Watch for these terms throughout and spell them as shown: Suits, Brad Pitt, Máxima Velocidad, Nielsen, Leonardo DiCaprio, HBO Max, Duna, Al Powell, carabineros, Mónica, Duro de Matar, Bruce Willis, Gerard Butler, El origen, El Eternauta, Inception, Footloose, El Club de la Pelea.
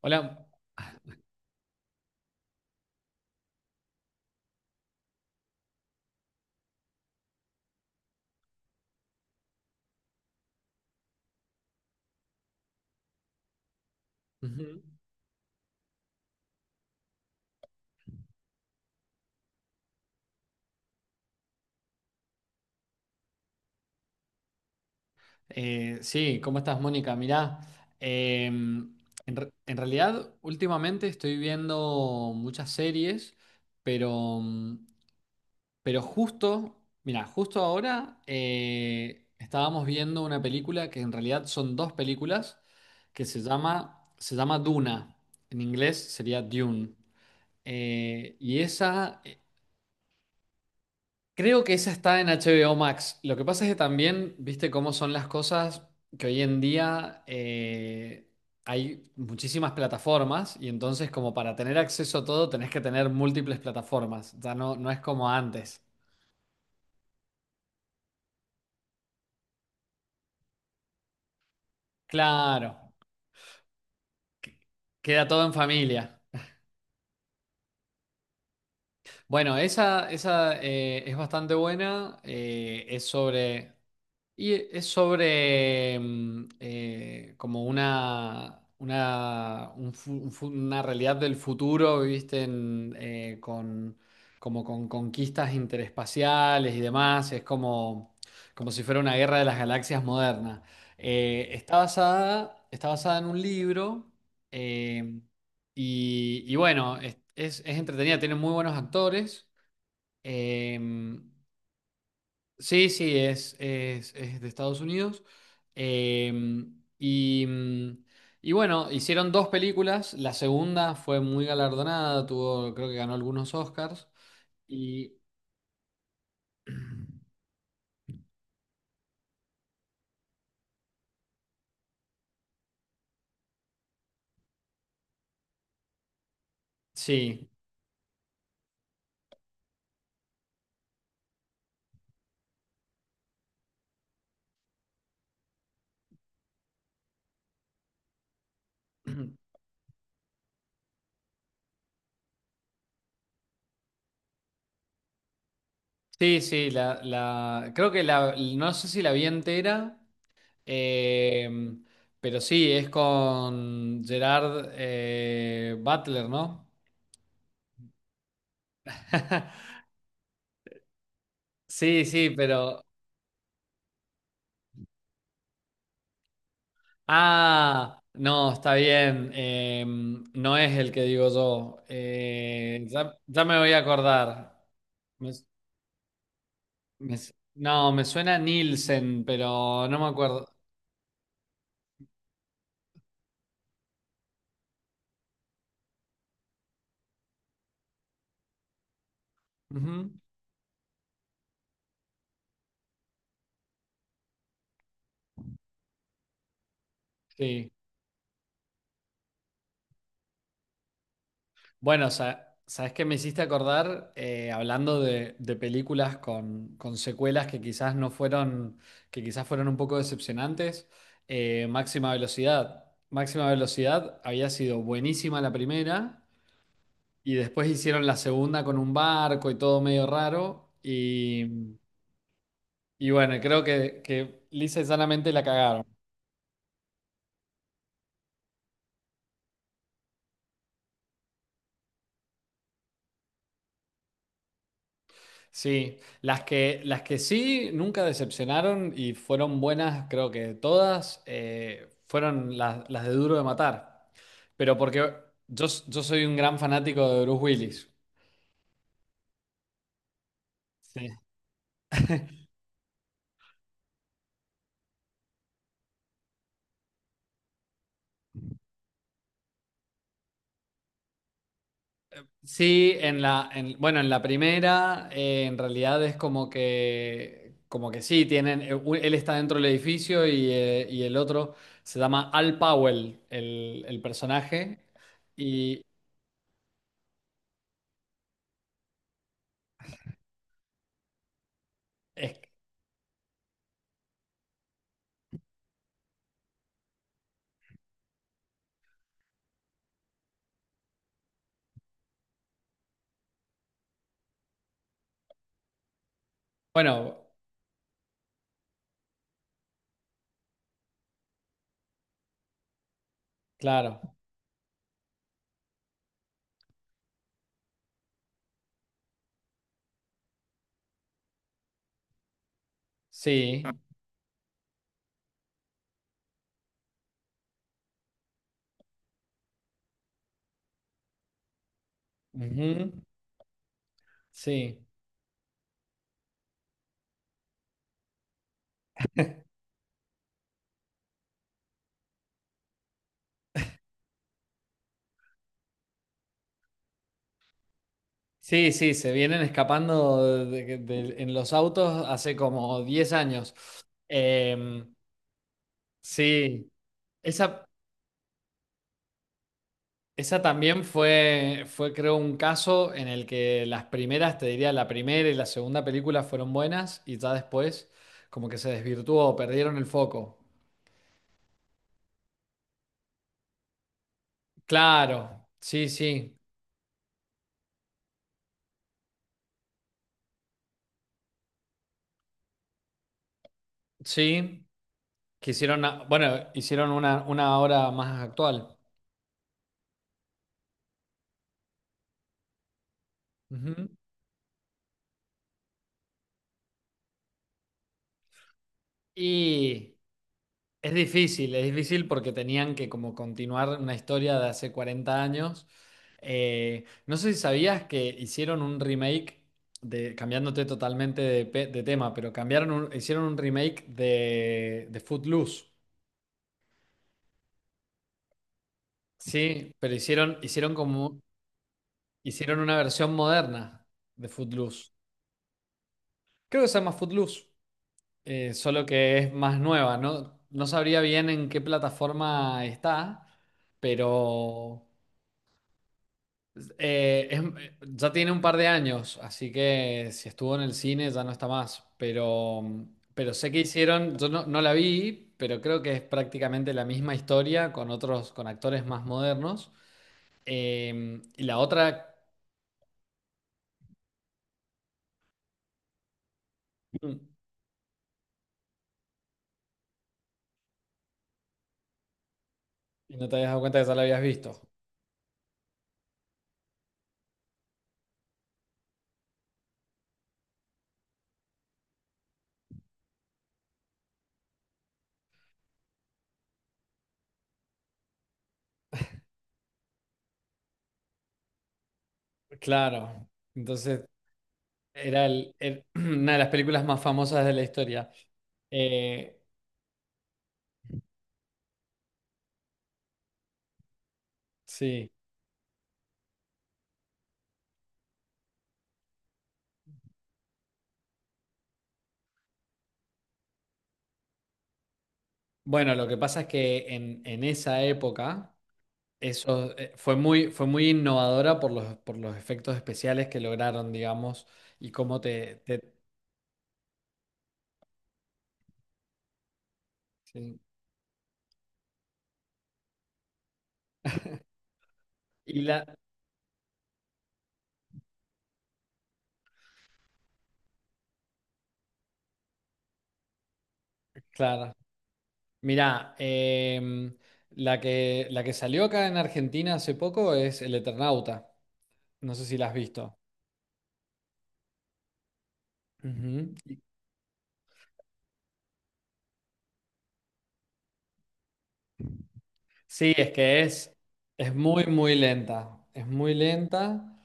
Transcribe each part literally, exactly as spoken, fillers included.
Hola. Ujú. Eh, sí, ¿cómo estás, Mónica? Mirá, em, en, re- en realidad últimamente estoy viendo muchas series, pero, mm, pero justo, mira, justo ahora eh, estábamos viendo una película que en realidad son dos películas que se llama, se llama Duna. En inglés sería Dune. Eh, y esa Creo que esa está en H B O Max. Lo que pasa es que también, viste cómo son las cosas, que hoy en día eh, hay muchísimas plataformas y entonces como para tener acceso a todo tenés que tener múltiples plataformas. Ya no, no es como antes. Claro, queda todo en familia. Bueno, esa, esa eh, es bastante buena. Eh, es sobre Y es sobre mm, eh, como una, una, un fu- un fu- una realidad del futuro, ¿viste? En, eh, con, como con conquistas interespaciales y demás. Es como, como si fuera una guerra de las galaxias moderna. Eh, está basada, está basada en un libro eh, y, y bueno, es, es, es entretenida, tiene muy buenos actores. eh, Sí, sí, es, es, es de Estados Unidos. Eh, y, mm, y bueno, hicieron dos películas. La segunda fue muy galardonada, tuvo, creo que ganó algunos Oscars. Y sí, sí, sí, la, la, creo que la, no sé si la vi entera, eh, pero sí, es con Gerard eh, Butler, ¿no? Sí, sí, pero ah, no, está bien. Eh, no es el que digo yo. Eh, ya, ya me voy a acordar. Me- me- no, me suena Nielsen, pero no me acuerdo. Ujú, sí. Bueno, sa- ¿sabes qué me hiciste acordar? Eh, hablando de, de películas con, con secuelas que quizás no fueron, que quizás fueron un poco decepcionantes. eh, Máxima Velocidad. Máxima Velocidad había sido buenísima la primera. Y después hicieron la segunda con un barco y todo medio raro. Y, y bueno, creo que, que lisa y llanamente la cagaron. Sí, las que, las que sí nunca decepcionaron y fueron buenas, creo que todas, eh, fueron las, las de Duro de Matar. Pero porque yo, yo soy un gran fanático de Bruce Willis. Sí. Sí, en la, en- bueno, en la primera, eh, en realidad es como que, como que sí, tienen, eh, u- él está dentro del edificio y, eh, y el otro se llama Al Powell, el, el personaje. Y es, bueno, claro, sí, ujú, sí. Sí, sí, se vienen escapando de- de- en los autos hace como diez años. Em, sí, esa. Esa también fue, fue, creo, un caso en el que las primeras, te diría, la primera y la segunda película fueron buenas y ya después como que se desvirtuó, perdieron el foco. Claro, sí, sí, sí, que hicieron, a- bueno, hicieron una, una obra más actual. Ujú. Y es difícil, es difícil porque tenían que como continuar una historia de hace cuarenta años. Eh, no sé si sabías que hicieron un remake de, cambiándote totalmente de, pe- de tema, pero cambiaron un- hicieron un remake de, de Footloose. Sí, pero hicieron, hicieron como, hicieron una versión moderna de Footloose. Creo que se llama Footloose, eh, solo que es más nueva, ¿no? No sabría bien en qué plataforma está, pero Eh, es- eh, ya tiene un par de años, así que si estuvo en el cine ya no está más. Pero, pero sé que hicieron, yo no, no la vi, pero creo que es prácticamente la misma historia con otros, con actores más modernos. Eh, y la otra, mm, y no te habías dado cuenta que ya la habías visto. Claro. Entonces, era, el- el- una de las películas más famosas de la historia. Eh, sí. Bueno, lo que pasa es que en, en esa época. Eso eh, fue muy, fue muy innovadora por los, por los efectos especiales que lograron, digamos, y cómo te, te- sí. Y la, claro, mirá, em, la que, la que salió acá en Argentina hace poco es El Eternauta. No sé si la has visto. Ujú. Sí, es que es, es muy, muy lenta. Es muy lenta.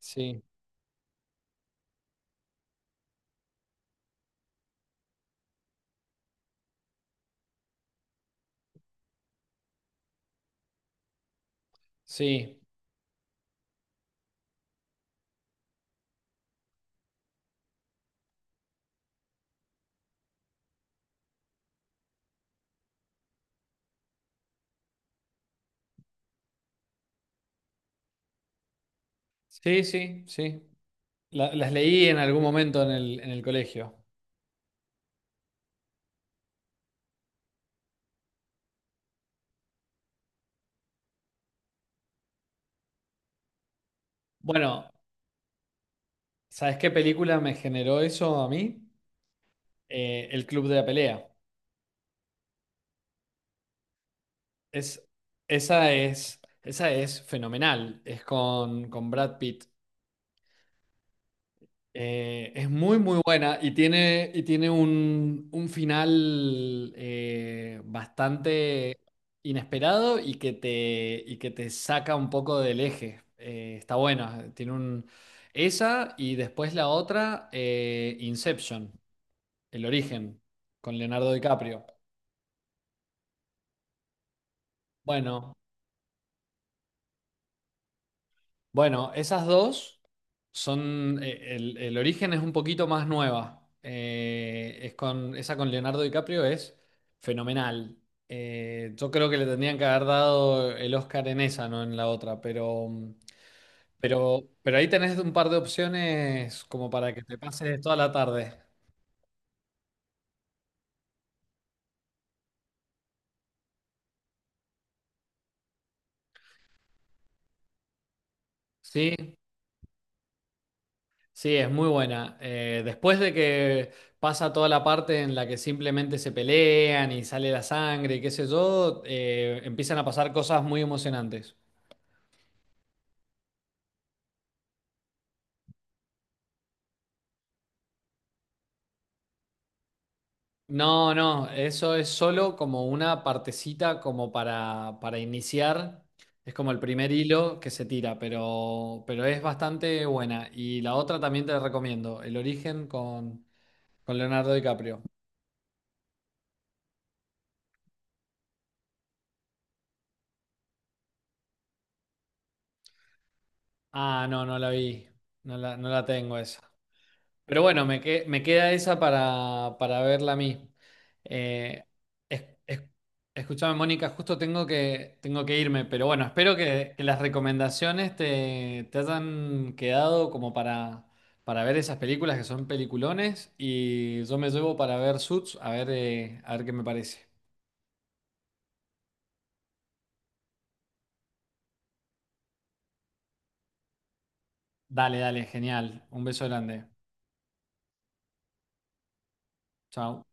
Sí, sí, sí, sí, sí. La- las leí en algún momento en el, en el colegio. Bueno, ¿sabes qué película me generó eso a mí? Eh, El Club de la Pelea. Es, Esa es, esa es fenomenal. Es con, con Brad Pitt. Eh, es muy, muy buena y tiene, y tiene un, un final eh, bastante inesperado y que te, y que te saca un poco del eje. Eh, está buena. Tiene un, esa y después la otra, eh, Inception, El origen, con Leonardo DiCaprio. Bueno, bueno, esas dos son, eh, el, el origen es un poquito más nueva. Eh, es con, esa con Leonardo DiCaprio es fenomenal. Eh, yo creo que le tendrían que haber dado el Oscar en esa, no en la otra, pero, pero, pero ahí tenés un par de opciones como para que te pases toda la tarde. Sí, sí, es muy buena. Eh, después de que pasa toda la parte en la que simplemente se pelean y sale la sangre y qué sé yo, eh, empiezan a pasar cosas muy emocionantes. No, no, eso es solo como una partecita como para, para iniciar. Es como el primer hilo que se tira, pero, pero es bastante buena. Y la otra también te la recomiendo, El origen con, con Leonardo DiCaprio. Ah, no, no la vi. No la, no la tengo esa. Pero bueno, me, que- me queda esa para, para verla a mí. Eh, es- es- Escúchame, Mónica, justo tengo que, tengo que irme, pero bueno, espero que, que las recomendaciones te, te hayan quedado como para, para ver esas películas que son peliculones y yo me llevo para ver Suits a ver, eh, a ver qué me parece. Dale, dale, genial. Un beso grande. Chao.